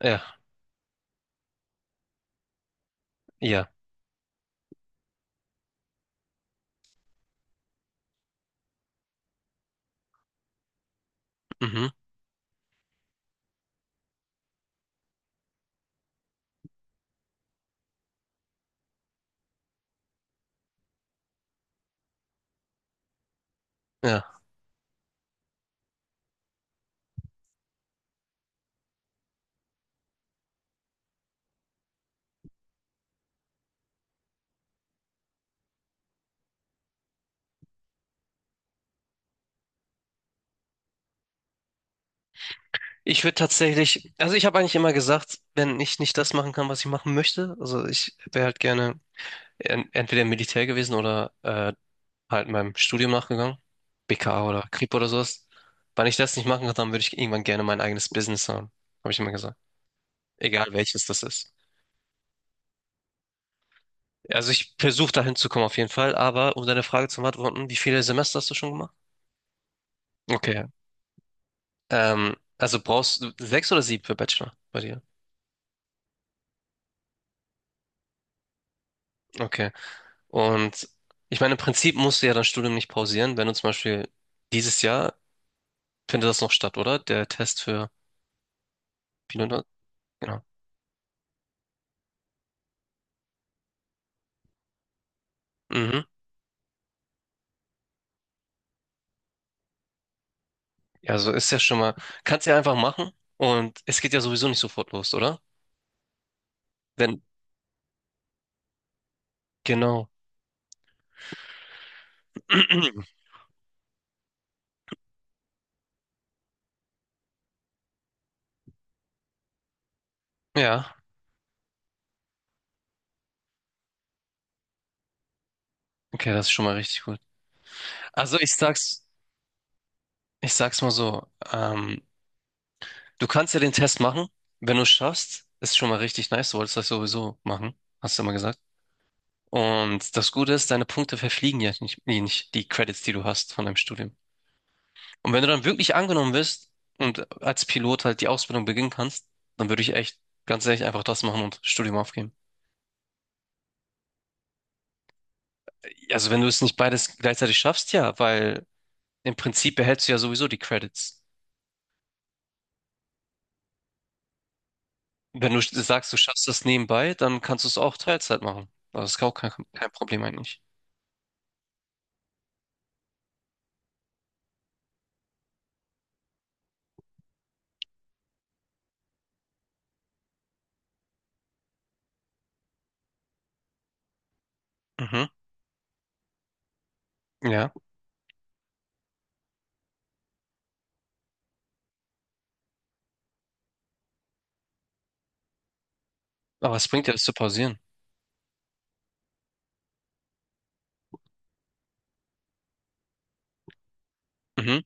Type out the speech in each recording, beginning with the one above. Ja, ja, mhm, ja. Ich würde tatsächlich, also ich habe eigentlich immer gesagt, wenn ich nicht das machen kann, was ich machen möchte, also ich wäre halt gerne en entweder im Militär gewesen oder halt meinem Studium nachgegangen, BKA oder Kripo oder sowas. Wenn ich das nicht machen kann, dann würde ich irgendwann gerne mein eigenes Business haben, habe ich immer gesagt. Egal welches das ist. Also ich versuche dahin zu kommen auf jeden Fall, aber um deine Frage zu beantworten, wie viele Semester hast du schon gemacht? Okay. Also brauchst du sechs oder sieben für Bachelor bei dir? Okay. Und ich meine, im Prinzip musst du ja dein Studium nicht pausieren, wenn du zum Beispiel dieses Jahr findet das noch statt, oder? Der Test für Pinot, genau. Mhm. Ja, so ist ja schon mal. Kannst ja einfach machen und es geht ja sowieso nicht sofort los, oder? Wenn, genau. Ja, okay, das ist schon mal richtig gut. Also ich sag's mal so, du kannst ja den Test machen, wenn du es schaffst, ist schon mal richtig nice, du wolltest das sowieso machen, hast du immer gesagt. Und das Gute ist, deine Punkte verfliegen ja nicht, nee, nicht die Credits, die du hast von deinem Studium. Und wenn du dann wirklich angenommen wirst und als Pilot halt die Ausbildung beginnen kannst, dann würde ich echt ganz ehrlich einfach das machen und Studium aufgeben. Also wenn du es nicht beides gleichzeitig schaffst, ja, weil im Prinzip behältst du ja sowieso die Credits. Wenn du sagst, du schaffst das nebenbei, dann kannst du es auch Teilzeit machen. Das ist auch kein Problem eigentlich. Mhm, ja, aber es bringt ja, das zu pausieren. Mhm.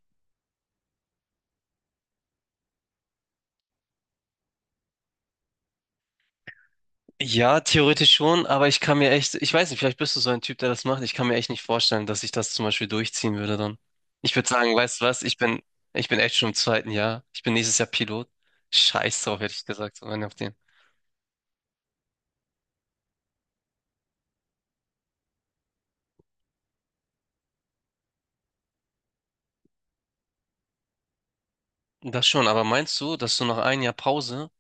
Ja, theoretisch schon, aber ich kann mir echt, ich weiß nicht, vielleicht bist du so ein Typ, der das macht. Ich kann mir echt nicht vorstellen, dass ich das zum Beispiel durchziehen würde dann. Ich würde sagen, weißt du was, ich bin echt schon im zweiten Jahr. Ich bin nächstes Jahr Pilot. Scheiß drauf, hätte ich gesagt, so rein auf den. Das schon, aber meinst du, dass du nach einem Jahr Pause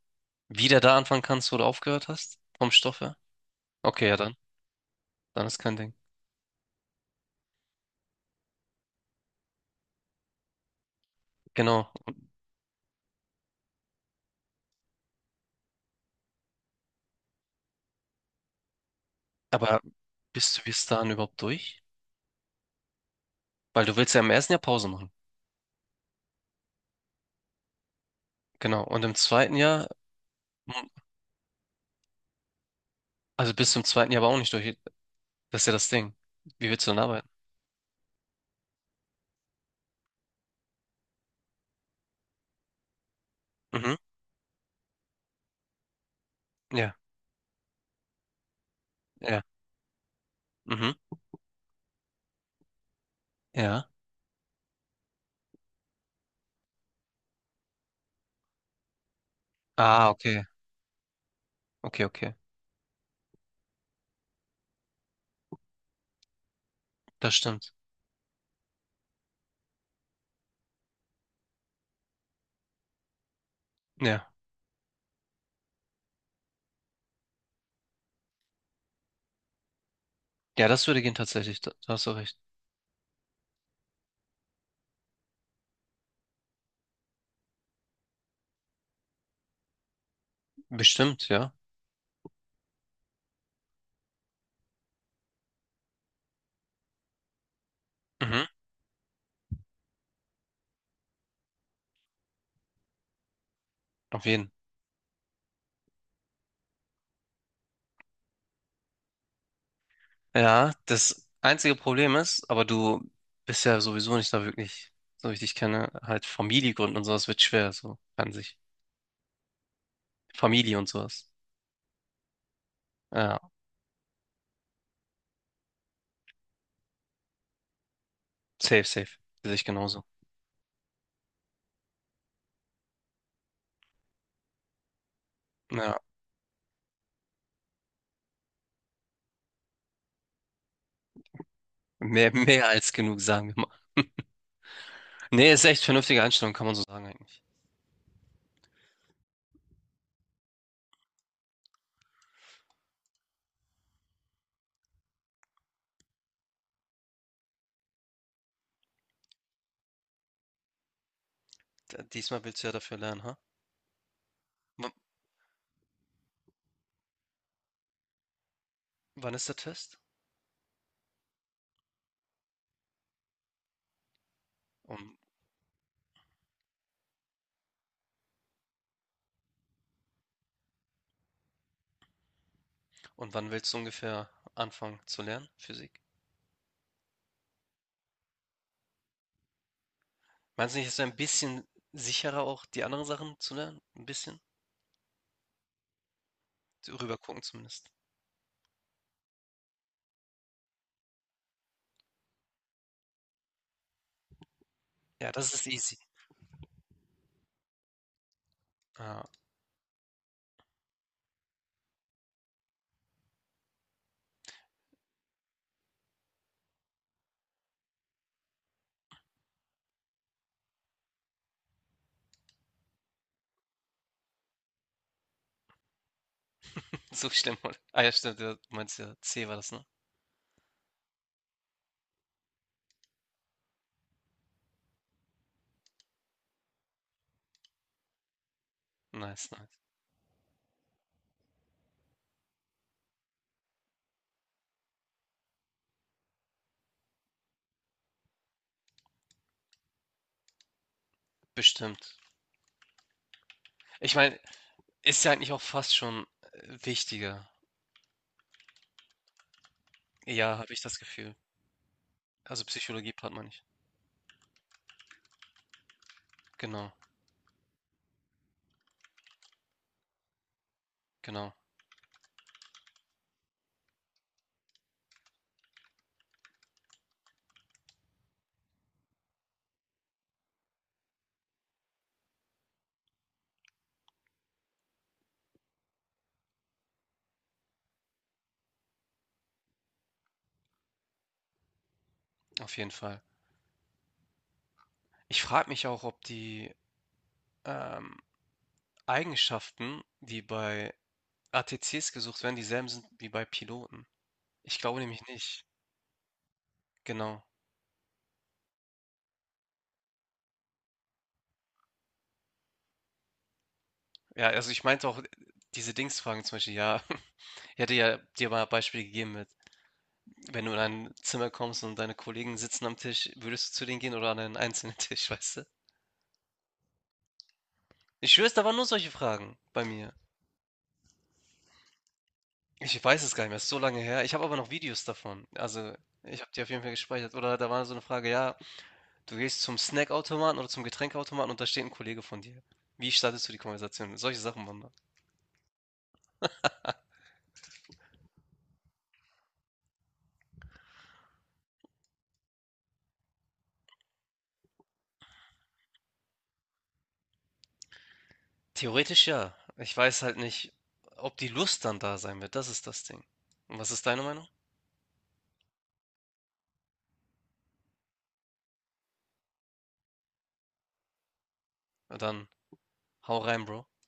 wieder da anfangen kannst, wo du aufgehört hast? Vom Stoff her? Okay, ja dann. Dann ist kein Ding. Genau. Aber bist du bis dahin überhaupt durch? Weil du willst ja im ersten Jahr Pause machen. Genau. Und im zweiten Jahr, also bis zum zweiten Jahr aber auch nicht durch. Das ist ja das Ding. Wie willst du denn arbeiten? Mhm. Ja, ja, mhm. Ja. Ah, okay. Okay, okay. Das stimmt. Ja. Ja, das würde gehen tatsächlich. Da, da hast du recht. Bestimmt, ja. Mhm. Auf jeden. Ja, das einzige Problem ist, aber du bist ja sowieso nicht da wirklich, so wie ich dich kenne, halt Familie gründen und sowas wird schwer, so an sich. Familie und sowas. Ja, safe, safe. Sehe ich genauso. Ja, mehr, mehr als genug, sagen wir mal. Nee, ist echt vernünftige Einstellung, kann man so sagen eigentlich. D- Diesmal willst du ja dafür lernen, ha? W wann ist der Test? Um, und wann willst du ungefähr anfangen zu lernen, Physik? Meinst du nicht, es wäre ein bisschen sicherer, auch die anderen Sachen zu lernen? Ein bisschen? Rüber gucken zumindest. Ja, das ist easy. Ah, so schlimm, oder? Ah ja, stimmt, du meinst ja, C war das, ne? Nice, nice. Bestimmt. Ich meine, ist ja eigentlich auch fast schon wichtiger. Ja, habe ich das Gefühl. Also Psychologie-Part meine ich. Genau, genau, auf jeden Fall. Ich frage mich auch, ob die ähm, Eigenschaften, die bei ATCs gesucht werden, dieselben sind wie bei Piloten. Ich glaube nämlich nicht. Genau. Ja, also ich meinte auch diese Dingsfragen zum Beispiel, ja, ich hätte ja dir mal Beispiele gegeben mit, wenn du in ein Zimmer kommst und deine Kollegen sitzen am Tisch, würdest du zu denen gehen oder an einen einzelnen Tisch, weißt du? Ich schwöre, da waren nur solche Fragen bei mir. Ich weiß es gar nicht mehr, ist so lange her. Ich habe aber noch Videos davon. Also, ich habe die auf jeden Fall gespeichert. Oder da war so eine Frage, ja, du gehst zum Snackautomaten oder zum Getränkeautomaten und da steht ein Kollege von dir. Wie startest du die Konversation? Solche Sachen waren da. Theoretisch ja. Ich weiß halt nicht, ob die Lust dann da sein wird. Das ist das Ding. Und was ist deine Meinung? Na dann hau rein, Bro.